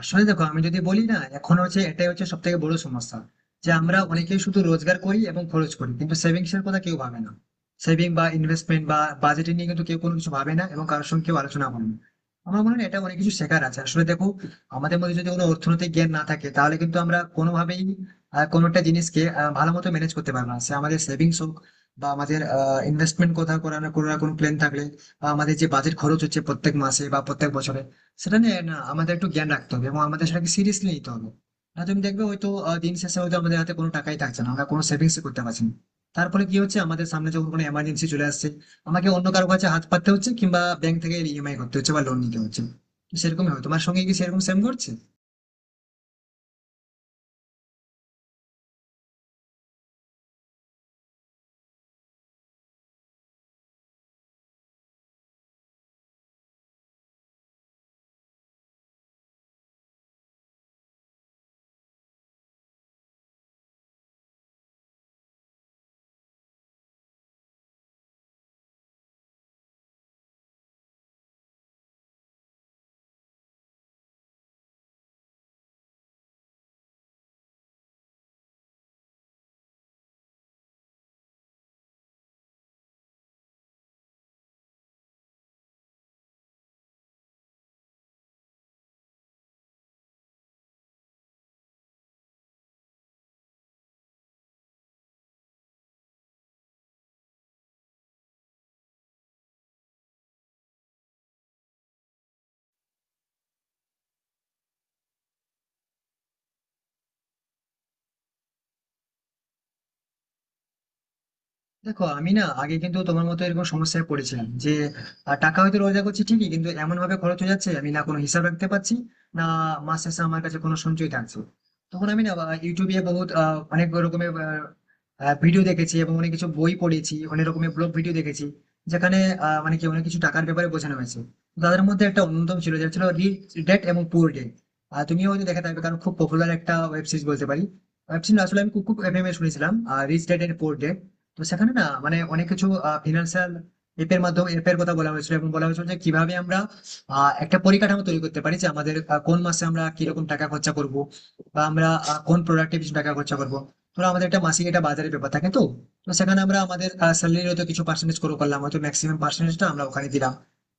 আসলে দেখো, আমি যদি বলি না, এখন হচ্ছে এটাই হচ্ছে সব থেকে বড় সমস্যা যে আমরা অনেকেই শুধু রোজগার করি এবং খরচ করি, কিন্তু সেভিংস এর কথা কেউ ভাবে না। সেভিং বা ইনভেস্টমেন্ট বা বাজেটিং নিয়ে কিন্তু কেউ কোনো কিছু ভাবে না এবং কারোর সঙ্গে কেউ আলোচনা করে না। আমার মনে হয় এটা অনেক কিছু শেখার আছে। আসলে দেখো, আমাদের মধ্যে যদি কোনো অর্থনৈতিক জ্ঞান না থাকে তাহলে কিন্তু আমরা কোনোভাবেই কোনো একটা জিনিসকে ভালো মতো ম্যানেজ করতে পারবো না, সে আমাদের সেভিংস হোক বা আমাদের ইনভেস্টমেন্ট কথা করার করার কোনো প্ল্যান থাকলে, বা আমাদের যে বাজেট খরচ হচ্ছে প্রত্যেক মাসে বা প্রত্যেক বছরে, সেটা নিয়ে না আমাদের একটু জ্ঞান রাখতে হবে এবং আমাদের সেটাকে সিরিয়াসলি নিতে হবে। না তুমি দেখবে হয়তো দিন শেষে হয়তো আমাদের হাতে কোনো টাকাই থাকছে না, আমরা কোনো সেভিংস করতে পারছি না। তারপরে কি হচ্ছে, আমাদের সামনে যখন কোনো এমার্জেন্সি চলে আসছে, আমাকে অন্য কারো কাছে হাত পাততে হচ্ছে কিংবা ব্যাংক থেকে ইএমআই করতে হচ্ছে বা লোন নিতে হচ্ছে। তো সেরকমই হয়, তোমার সঙ্গে কি সেরকম সেম করছে? দেখো আমি না আগে কিন্তু তোমার মতো এরকম সমস্যায় পড়েছিলাম যে টাকা হয়তো রোজগার করছি ঠিকই, কিন্তু এমন ভাবে খরচ হয়ে যাচ্ছে, আমি না কোনো হিসাব রাখতে পারছি না, মাস শেষে আমার কাছে কোনো সঞ্চয় থাকছে। তখন আমি না ইউটিউবে বহুত অনেক রকমের ভিডিও দেখেছি এবং অনেক কিছু বই পড়েছি, অনেক রকমের ব্লগ ভিডিও দেখেছি যেখানে মানে কি অনেক কিছু টাকার ব্যাপারে বোঝানো হয়েছে। তাদের মধ্যে একটা অন্যতম ছিল, যেটা ছিল রিচ ড্যাড এবং পুয়ার ড্যাড। আর তুমিও হয়তো দেখে থাকবে, কারণ খুব পপুলার একটা ওয়েব সিরিজ বলতে পারি। ওয়েব সিরিজ আসলে আমি খুব খুব এফএম এ শুনেছিলাম rich dad and poor dad. তো সেখানে না মানে অনেক কিছু ফিনান্সিয়াল এর মাধ্যমে অ্যাপের কথা বলা হয়েছিল এবং বলা হয়েছিল যে কিভাবে আমরা একটা পরিকাঠামো তৈরি করতে পারি যে আমাদের কোন মাসে আমরা কিরকম টাকা খরচা করব, বা আমরা কোন প্রোডাক্টে বেশি টাকা খরচা করব। ধরো আমাদের একটা মাসিক একটা বাজারের ব্যাপার থাকে, তো তো সেখানে আমরা আমাদের স্যালারির হয়তো কিছু পার্সেন্টেজ করে করলাম, হয়তো ম্যাক্সিমাম পার্সেন্টেজটা আমরা ওখানে দিলাম,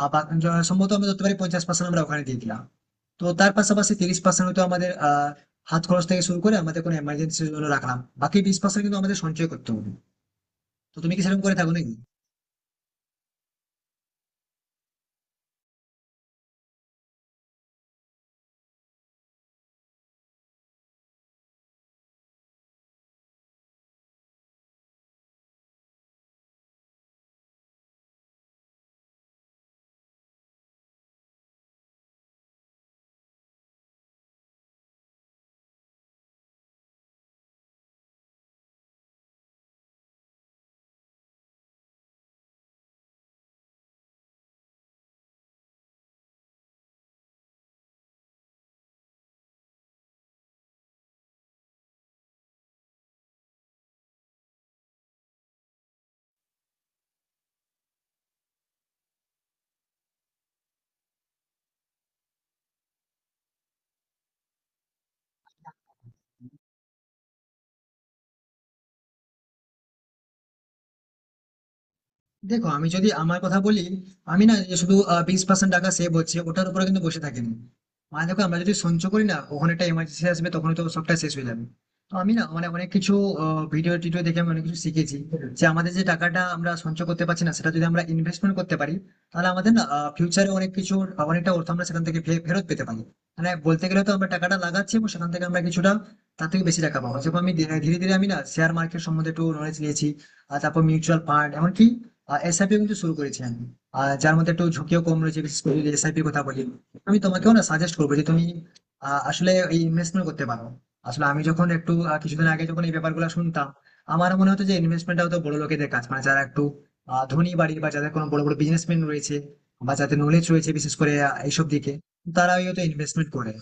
বা সম্ভবত আমরা ধরতে পারি 50% আমরা ওখানে দিয়ে দিলাম। তো তার পাশাপাশি 30% হয়তো আমাদের হাত খরচ থেকে শুরু করে আমাদের কোনো এমার্জেন্সির জন্য রাখলাম, বাকি 20% কিন্তু আমাদের সঞ্চয় করতে হবে। তো তুমি কি সেরকম করে থাকো নাকি? দেখো, আমি যদি আমার কথা বলি, আমি না যে শুধু 20% টাকা সেভ হচ্ছে ওটার উপরে কিন্তু বসে থাকিনি। মানে দেখো, আমরা যদি সঞ্চয় করি না, কখন একটা এমার্জেন্সি আসবে, তখন তো সবটা শেষ হয়ে যাবে। তো আমি না মানে অনেক কিছু ভিডিও টিডিও দেখে আমি অনেক কিছু শিখেছি যে আমাদের যে টাকাটা আমরা সঞ্চয় করতে পারছি না সেটা যদি আমরা ইনভেস্টমেন্ট করতে পারি, তাহলে আমাদের না ফিউচারে অনেক কিছু অনেকটা অর্থ আমরা সেখান থেকে ফেরত পেতে পারি। মানে বলতে গেলে তো আমরা টাকাটা লাগাচ্ছি এবং সেখান থেকে আমরা কিছুটা তার থেকে বেশি টাকা পাবো। যেমন আমি ধীরে ধীরে আমি না শেয়ার মার্কেট সম্বন্ধে একটু নলেজ নিয়েছি, আর তারপর মিউচুয়াল ফান্ড এমনকি এসআইপি কিন্তু শুরু করেছি আমি, আর যার মধ্যে একটু ঝুঁকিও কম রয়েছে, বিশেষ করে যদি এসআইপি কথা বলি। আমি তোমাকেও না সাজেস্ট করবো যে তুমি আসলে এই ইনভেস্টমেন্ট করতে পারো। আসলে আমি যখন একটু কিছুদিন আগে যখন এই ব্যাপারগুলো শুনতাম, আমার মনে হতো যে ইনভেস্টমেন্টটা হতো বড় লোকেদের কাজ, মানে যারা একটু ধনী বাড়ি বা যাদের কোনো বড় বড় বিজনেসম্যান রয়েছে বা যাদের নলেজ রয়েছে, বিশেষ করে এইসব দিকে তারাই হয়তো ইনভেস্টমেন্ট করে।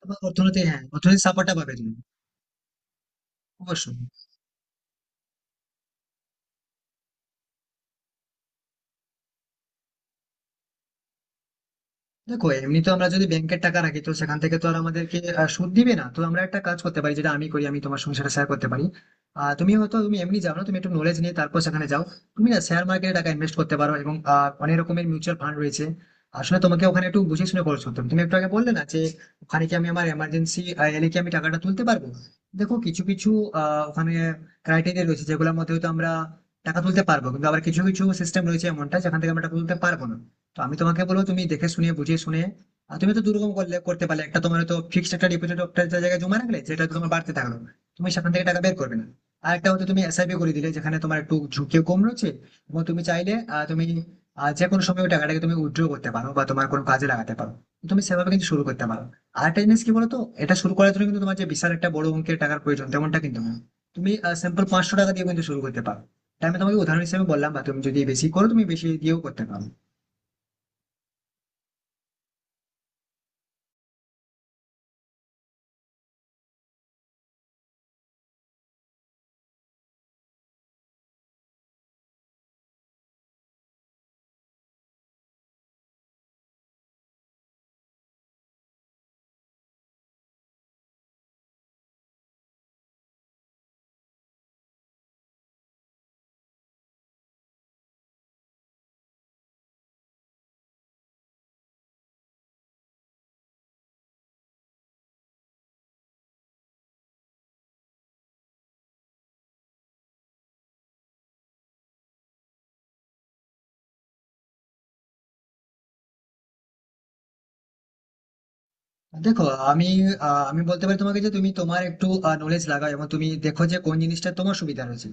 তোমার অর্থনীতি, হ্যাঁ, অর্থনীতির সাপোর্টটা পাবে তুমি অবশ্যই। দেখো, এমনি তো আমরা যদি ব্যাংকের টাকা রাখি তো সেখান থেকে তো আর আমাদেরকে সুদ দিবে না। তো আমরা একটা কাজ করতে পারি, যেটা আমি করি আমি তোমার সঙ্গে সেটা শেয়ার করতে পারি। তুমি হয়তো তুমি এমনি যাও না, তুমি একটু নলেজ নিয়ে তারপর সেখানে যাও। তুমি না শেয়ার মার্কেটে টাকা ইনভেস্ট করতে পারো, এবং অনেক রকমের মিউচুয়াল ফান্ড রয়েছে। আসলে তোমাকে ওখানে একটু বুঝে শুনে খরচ করতে হবে। তুমি একটু আগে বললে না যে ওখানে কি আমি আমার এমার্জেন্সি এলে কি আমি টাকাটা তুলতে পারবো? দেখো, কিছু কিছু ওখানে ক্রাইটেরিয়া রয়েছে যেগুলোর মধ্যে হয়তো আমরা টাকা তুলতে পারবো, কিন্তু আবার কিছু কিছু সিস্টেম রয়েছে এমনটা যেখান থেকে আমরা টাকা তুলতে পারবো না। তো আমি তোমাকে বলবো, তুমি দেখে শুনে বুঝে শুনে, আর তুমি তো দুরকম করলে করতে পারলে, একটা তোমার তো ফিক্সড একটা ডিপোজিট একটা জায়গায় জমা রাখলে যেটা তোমার বাড়তে থাকলো, তুমি সেখান থেকে টাকা বের করবে না। আর একটা হয়তো তুমি এসআইপি করে দিলে যেখানে তোমার একটু ঝুঁকিও কম রয়েছে, এবং তুমি চাইলে যে কোনো সময় ওই টাকাটাকে তুমি উইথড্র করতে পারো বা তোমার কোনো কাজে লাগাতে পারো। তুমি সেভাবে কিন্তু শুরু করতে পারো। আর একটা জিনিস কি বলতো, এটা শুরু করার জন্য কিন্তু তোমার যে বিশাল একটা বড় অঙ্কের টাকার প্রয়োজন তেমনটা কিন্তু না। তুমি স্যাম্পল 500 টাকা দিয়ে কিন্তু শুরু করতে পারো। এটা আমি তোমাকে উদাহরণ হিসেবে বললাম, বা তুমি যদি বেশি করো তুমি বেশি দিয়েও করতে পারো। দেখো, আমি আমি বলতে পারি তোমাকে যে তুমি তোমার একটু নলেজ লাগাও এবং তুমি দেখো যে কোন জিনিসটা তোমার সুবিধা রয়েছে।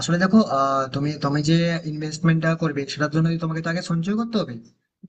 আসলে দেখো, আহ, তুমি তুমি যে ইনভেস্টমেন্টটা করবে সেটার জন্য যদি তোমাকে তো আগে সঞ্চয় করতে হবে।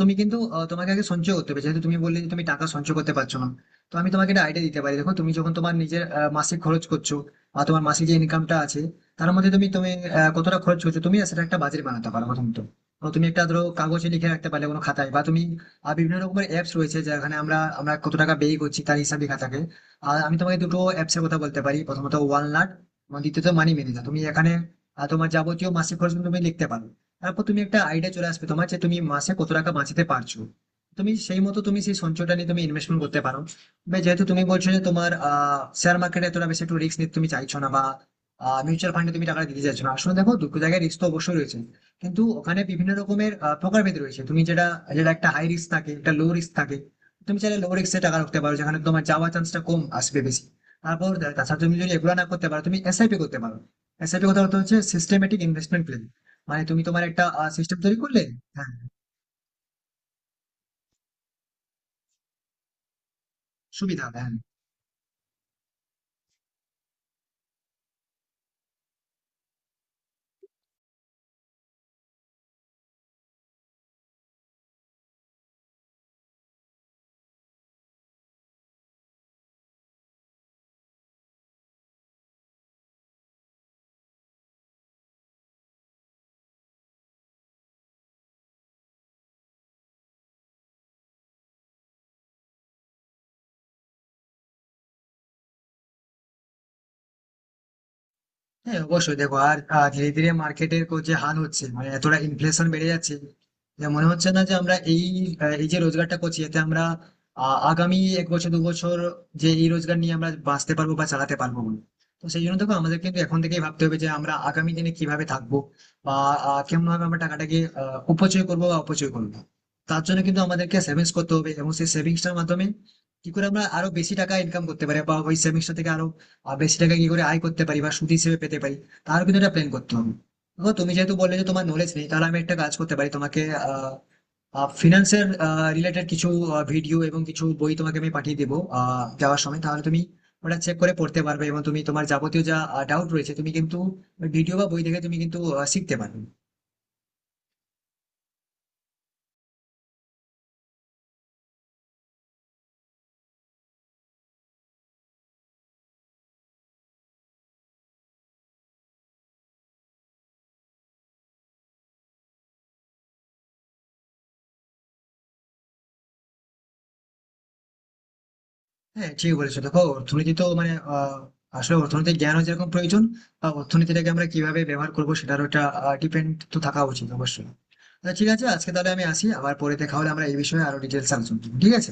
তুমি কিন্তু তোমাকে আগে সঞ্চয় করতে হবে, যেহেতু তুমি বললে যে তুমি টাকা সঞ্চয় করতে পারছো না। তো আমি তোমাকে একটা আইডিয়া দিতে পারি। দেখো, তুমি যখন তোমার নিজের মাসিক খরচ করছো বা তোমার মাসিক যে ইনকামটা আছে তার মধ্যে তুমি তুমি আহ, কতটা খরচ করছো, তুমি না সেটা একটা বাজেট বানাতে পারো প্রথমত। তো তুমি একটা ধরো কাগজে লিখে রাখতে পারলে কোনো খাতায়, বা তুমি আর বিভিন্ন রকমের অ্যাপস রয়েছে যেখানে আমরা আমরা কত টাকা ব্যয় করছি তার হিসাব লেখা থাকে। আর আমি তোমাকে দুটো অ্যাপসের কথা বলতে পারি, প্রথমত ওয়ালনাট এবং দ্বিতীয়ত মানি ম্যানেজার। তুমি এখানে তোমার যাবতীয় মাসিক খরচ কিন্তু তুমি লিখতে পারো। তারপর তুমি একটা আইডিয়া চলে আসবে তোমার যে তুমি মাসে কত টাকা বাঁচাতে পারছো। তুমি সেই মতো তুমি সেই সঞ্চয়টা নিয়ে তুমি ইনভেস্টমেন্ট করতে পারো। বা যেহেতু তুমি বলছো যে তোমার শেয়ার মার্কেটে এতটা বেশি একটু রিস্ক নিতে তুমি চাইছো না, বা মিউচুয়াল ফান্ডে তুমি টাকা দিতে চাইছো না। আসলে দেখো, দুটো জায়গায় রিস্ক তো অবশ্যই রয়েছে, কিন্তু ওখানে বিভিন্ন রকমের প্রকারভেদ রয়েছে। তুমি যেটা যেটা একটা হাই রিস্ক থাকে, একটা লো রিস্ক থাকে। তুমি চাইলে লো রিস্কে টাকা রাখতে পারো যেখানে তোমার যাওয়ার চান্সটা কম আসবে বেশি। তারপর তাছাড়া তুমি যদি এগুলো না করতে পারো তুমি এসআইপি করতে পারো। এসআইপি কথা বলতে হচ্ছে সিস্টেমেটিক ইনভেস্টমেন্ট প্ল্যান, মানে তুমি তোমার একটা সিস্টেম তৈরি করলে। হ্যাঁ, সুবিধা হবে। হ্যাঁ, হ্যাঁ, অবশ্যই। দেখো, আর ধীরে ধীরে মার্কেটের যে হাল হচ্ছে, মানে এতটা ইনফ্লেশন বেড়ে যাচ্ছে, যে মনে হচ্ছে না যে আমরা এই এই যে রোজগারটা করছি এতে আমরা আগামী এক বছর দু বছর যে এই রোজগার নিয়ে আমরা বাঁচতে পারবো বা চালাতে পারবো বলে। তো সেই জন্য দেখো, আমাদের কিন্তু এখন থেকেই ভাবতে হবে যে আমরা আগামী দিনে কিভাবে থাকবো, বা কেমন ভাবে আমরা টাকাটাকে উপচয় করবো বা অপচয় করবো। তার জন্য কিন্তু আমাদেরকে সেভিংস করতে হবে, এবং সেই সেভিংসটার মাধ্যমে কি করে আমরা আরো বেশি টাকা ইনকাম করতে পারি, বা ওই সেভিংসটা থেকে আরো বেশি টাকা কি করে আয় করতে পারি বা সুদ হিসেবে পেতে পারি, তারও কিন্তু একটা প্ল্যান করতে হবে। দেখো, তুমি যেহেতু বললে যে তোমার নলেজ নেই, তাহলে আমি একটা কাজ করতে পারি, তোমাকে ফিনান্সের রিলেটেড কিছু ভিডিও এবং কিছু বই তোমাকে আমি পাঠিয়ে দেবো যাওয়ার সময়। তাহলে তুমি ওটা চেক করে পড়তে পারবে, এবং তুমি তোমার যাবতীয় যা ডাউট রয়েছে তুমি কিন্তু ভিডিও বা বই দেখে তুমি কিন্তু শিখতে পারবে। হ্যাঁ ঠিক বলেছো। দেখো, অর্থনীতি তো মানে আসলে অর্থনৈতিক জ্ঞানও যেরকম প্রয়োজন, বা অর্থনীতিটাকে আমরা কিভাবে ব্যবহার করবো সেটারও একটা ডিপেন্ড তো থাকা উচিত অবশ্যই। আচ্ছা, ঠিক আছে, আজকে তাহলে আমি আসি। আবার পরে দেখা হলে আমরা এই বিষয়ে আরো ডিটেলস আলোচনা করবো, ঠিক আছে?